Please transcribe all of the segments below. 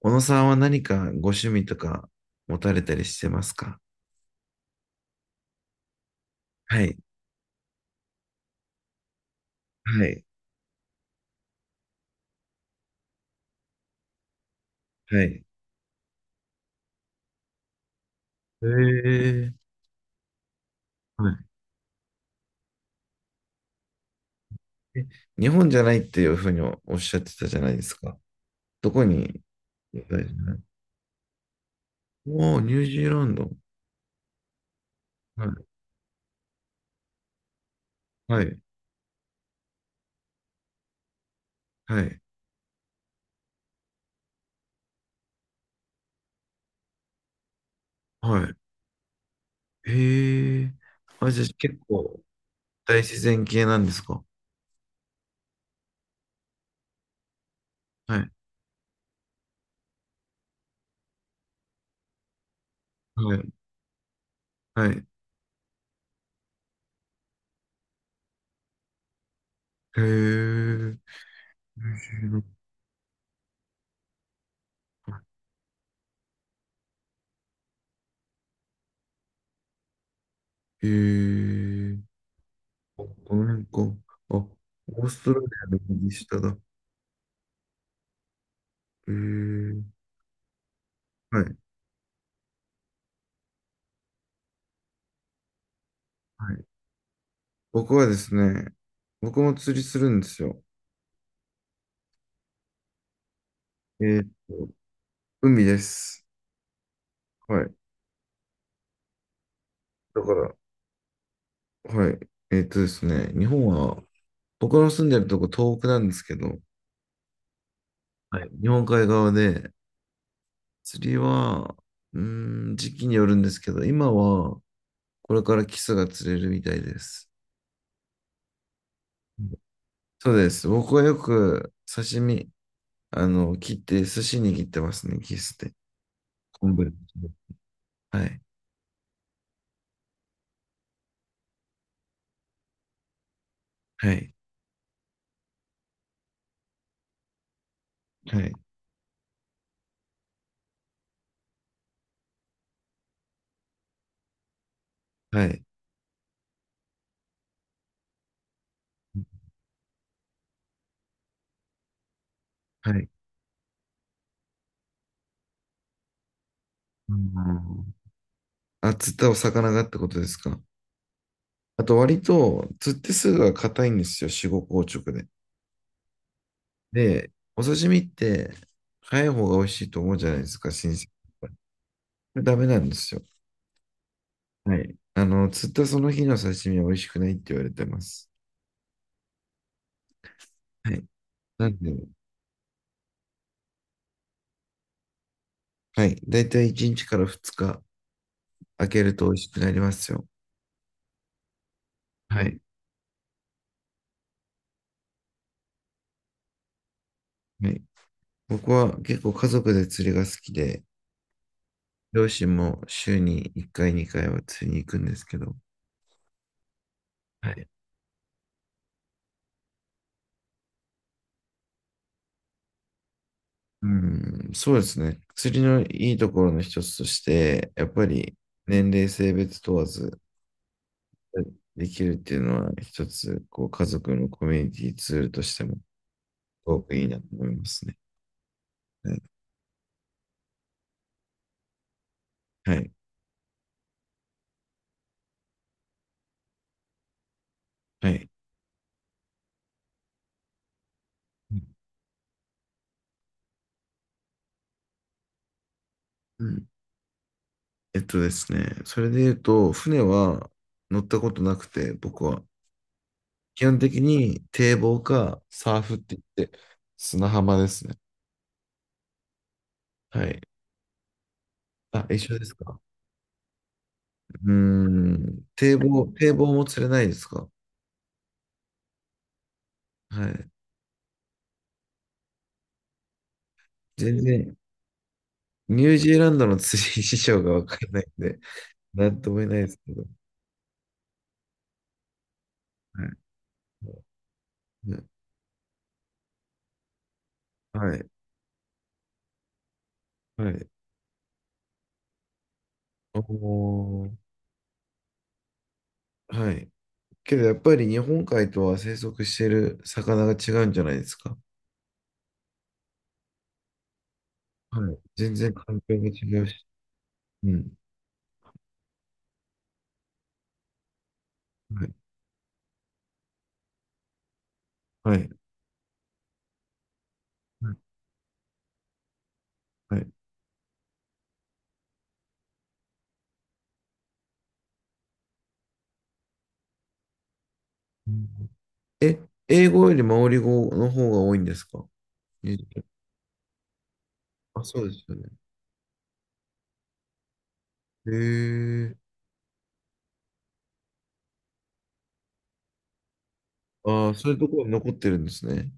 小野さんは何かご趣味とか持たれたりしてますか？はい、はい、はい。えー、はい。日本じゃないっていうふうにおおっしゃってたじゃないですか。どこにいおー、ニュージーランド。はい、はい、はい。はい。へえー。あ、じゃあ結構大自然系なんですか？はい、はい、はい。へえ。ニュージーランド。へえ。この辺か。あ、オーストラリアの右下だ。えー、はい、はい。僕はですね、僕も釣りするんですよ。えーっと、海です。はい。だから、はい。ですね、日本は、僕の住んでるとこ東北なんですけど、はい。日本海側で、釣りは、時期によるんですけど、今は、これからキスが釣れるみたいです。そうです。僕はよく刺身、あの、切って、寿司握ってますね、キスで。昆布。はい、はい、はい、はい、はい。うん。あ、釣ったお魚がってことですか。あと、割と、釣ってすぐは硬いんですよ、死後硬直で。で、お刺身って、早い方が美味しいと思うじゃないですか、新鮮。これダメなんですよ。はい。あの、釣ったその日の刺身は美味しくないって言われてます。はい。なんで、はい。だいたい1日から2日、開けると美味しくなりますよ。はい。はい。僕は結構家族で釣りが好きで、両親も週に1回、2回は釣りに行くんですけど、はい。うん、そうですね。釣りのいいところの一つとして、やっぱり年齢、性別問わずできるっていうのは一つ、こう家族のコミュニティツールとしてもすごくいいなと思いますね。はい。はい。はい。うん。えっとですね、それで言うと、船は乗ったことなくて、僕は。基本的に堤防かサーフって言って、砂浜ですね。はい。あ、一緒ですか。うーん。堤防も釣れないですか。はい。全然、ニュージーランドの釣り事情がわからないんで、なんとも言えないですけど。はい。ね。はい。はい。おー。はい。けどやっぱり日本海とは生息している魚が違うんじゃないですか。はい。全然環境が違うし。うん。はい。はい。はい。はい。うん。え、英語よりマオリ語の方が多いんですか？にじゅうあ、そうですよね。へえ。ああ、そういうところに残ってるんですね。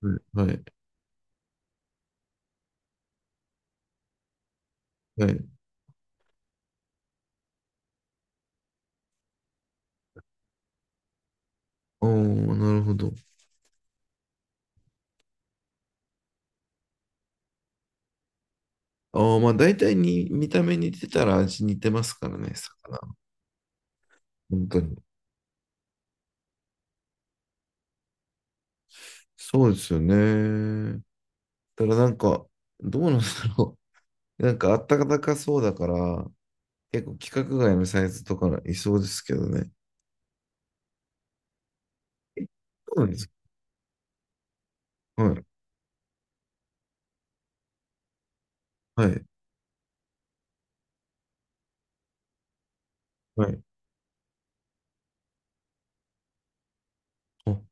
はい、はい、はい。おー、なるほど。ああ、まあ大体に見た目似てたら味似てますからね、魚。本当に。そうですよね。ただなんか、どうなんだろう。なんかあったかかそうだから、結構規格外のサイズとかいそうですけどね。え、そうなんですか？はい、はい、はい。あ、うん。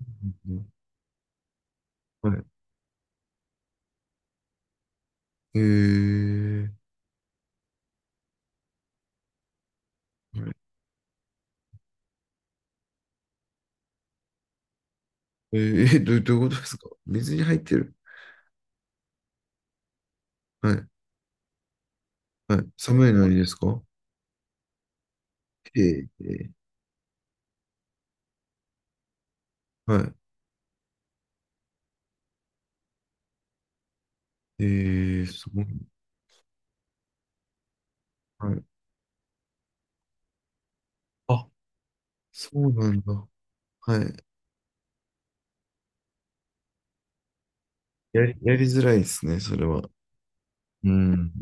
うん。はい。えー、えー、どういうことですか？水に入ってる。はい。はい。寒いのにですか？え。えー、はい。えー、すごい。はい。あ、そうなんだ。はい。やりづらいですね、それは。うん。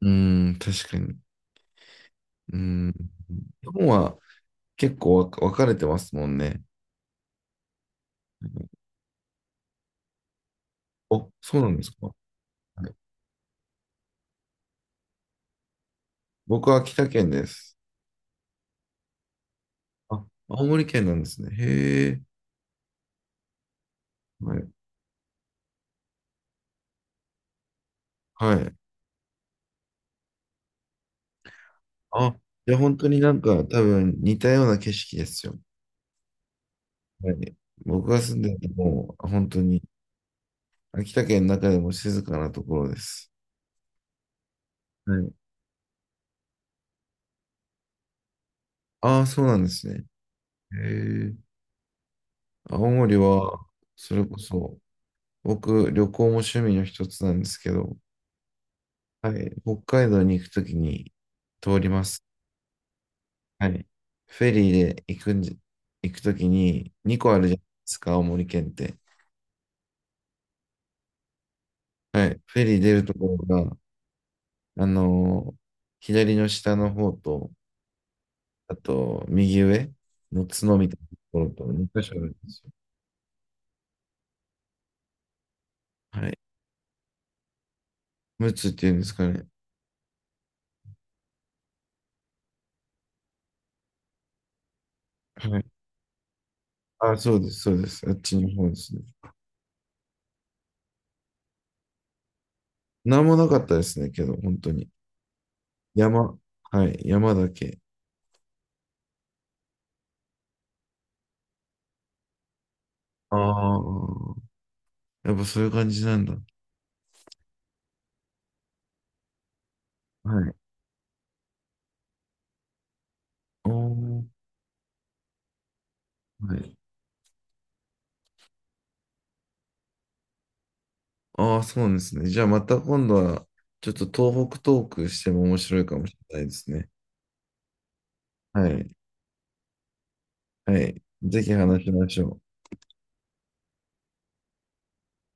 うん、確かに。うん。日本は結構分かれてますもんね。お、そうなんですか。はい。僕は秋田県です。あ、青森県なんですね。へえ。はい。はい。あ、じゃあ本当になんか多分似たような景色ですよ。はい。僕が住んでるのも本当に秋田県の中でも静かなところです。はい。ああ、そうなんですね。へえ。青森は、それこそ、僕、旅行も趣味の一つなんですけど、はい。北海道に行くときに通ります。はい。フェリーで行くときに2個あるじゃないですか、青森県って。はい。フェリー出るところが、あの、左の下の方と、あと、右上の角みたいなところと2箇所あるんですよ。はい。ムツっていうんですかね。はい。あ、そうです、そうです。あっちの方ですね。なんもなかったですね、けど、本当に。山。はい、山だけ。ああ、やっぱそういう感じなんだ。はい。おー、はい。ああ、そうなんですね。じゃあまた今度は、ちょっと東北トークしても面白いかもしれないですね。はい。はい。ぜひ話しましょう。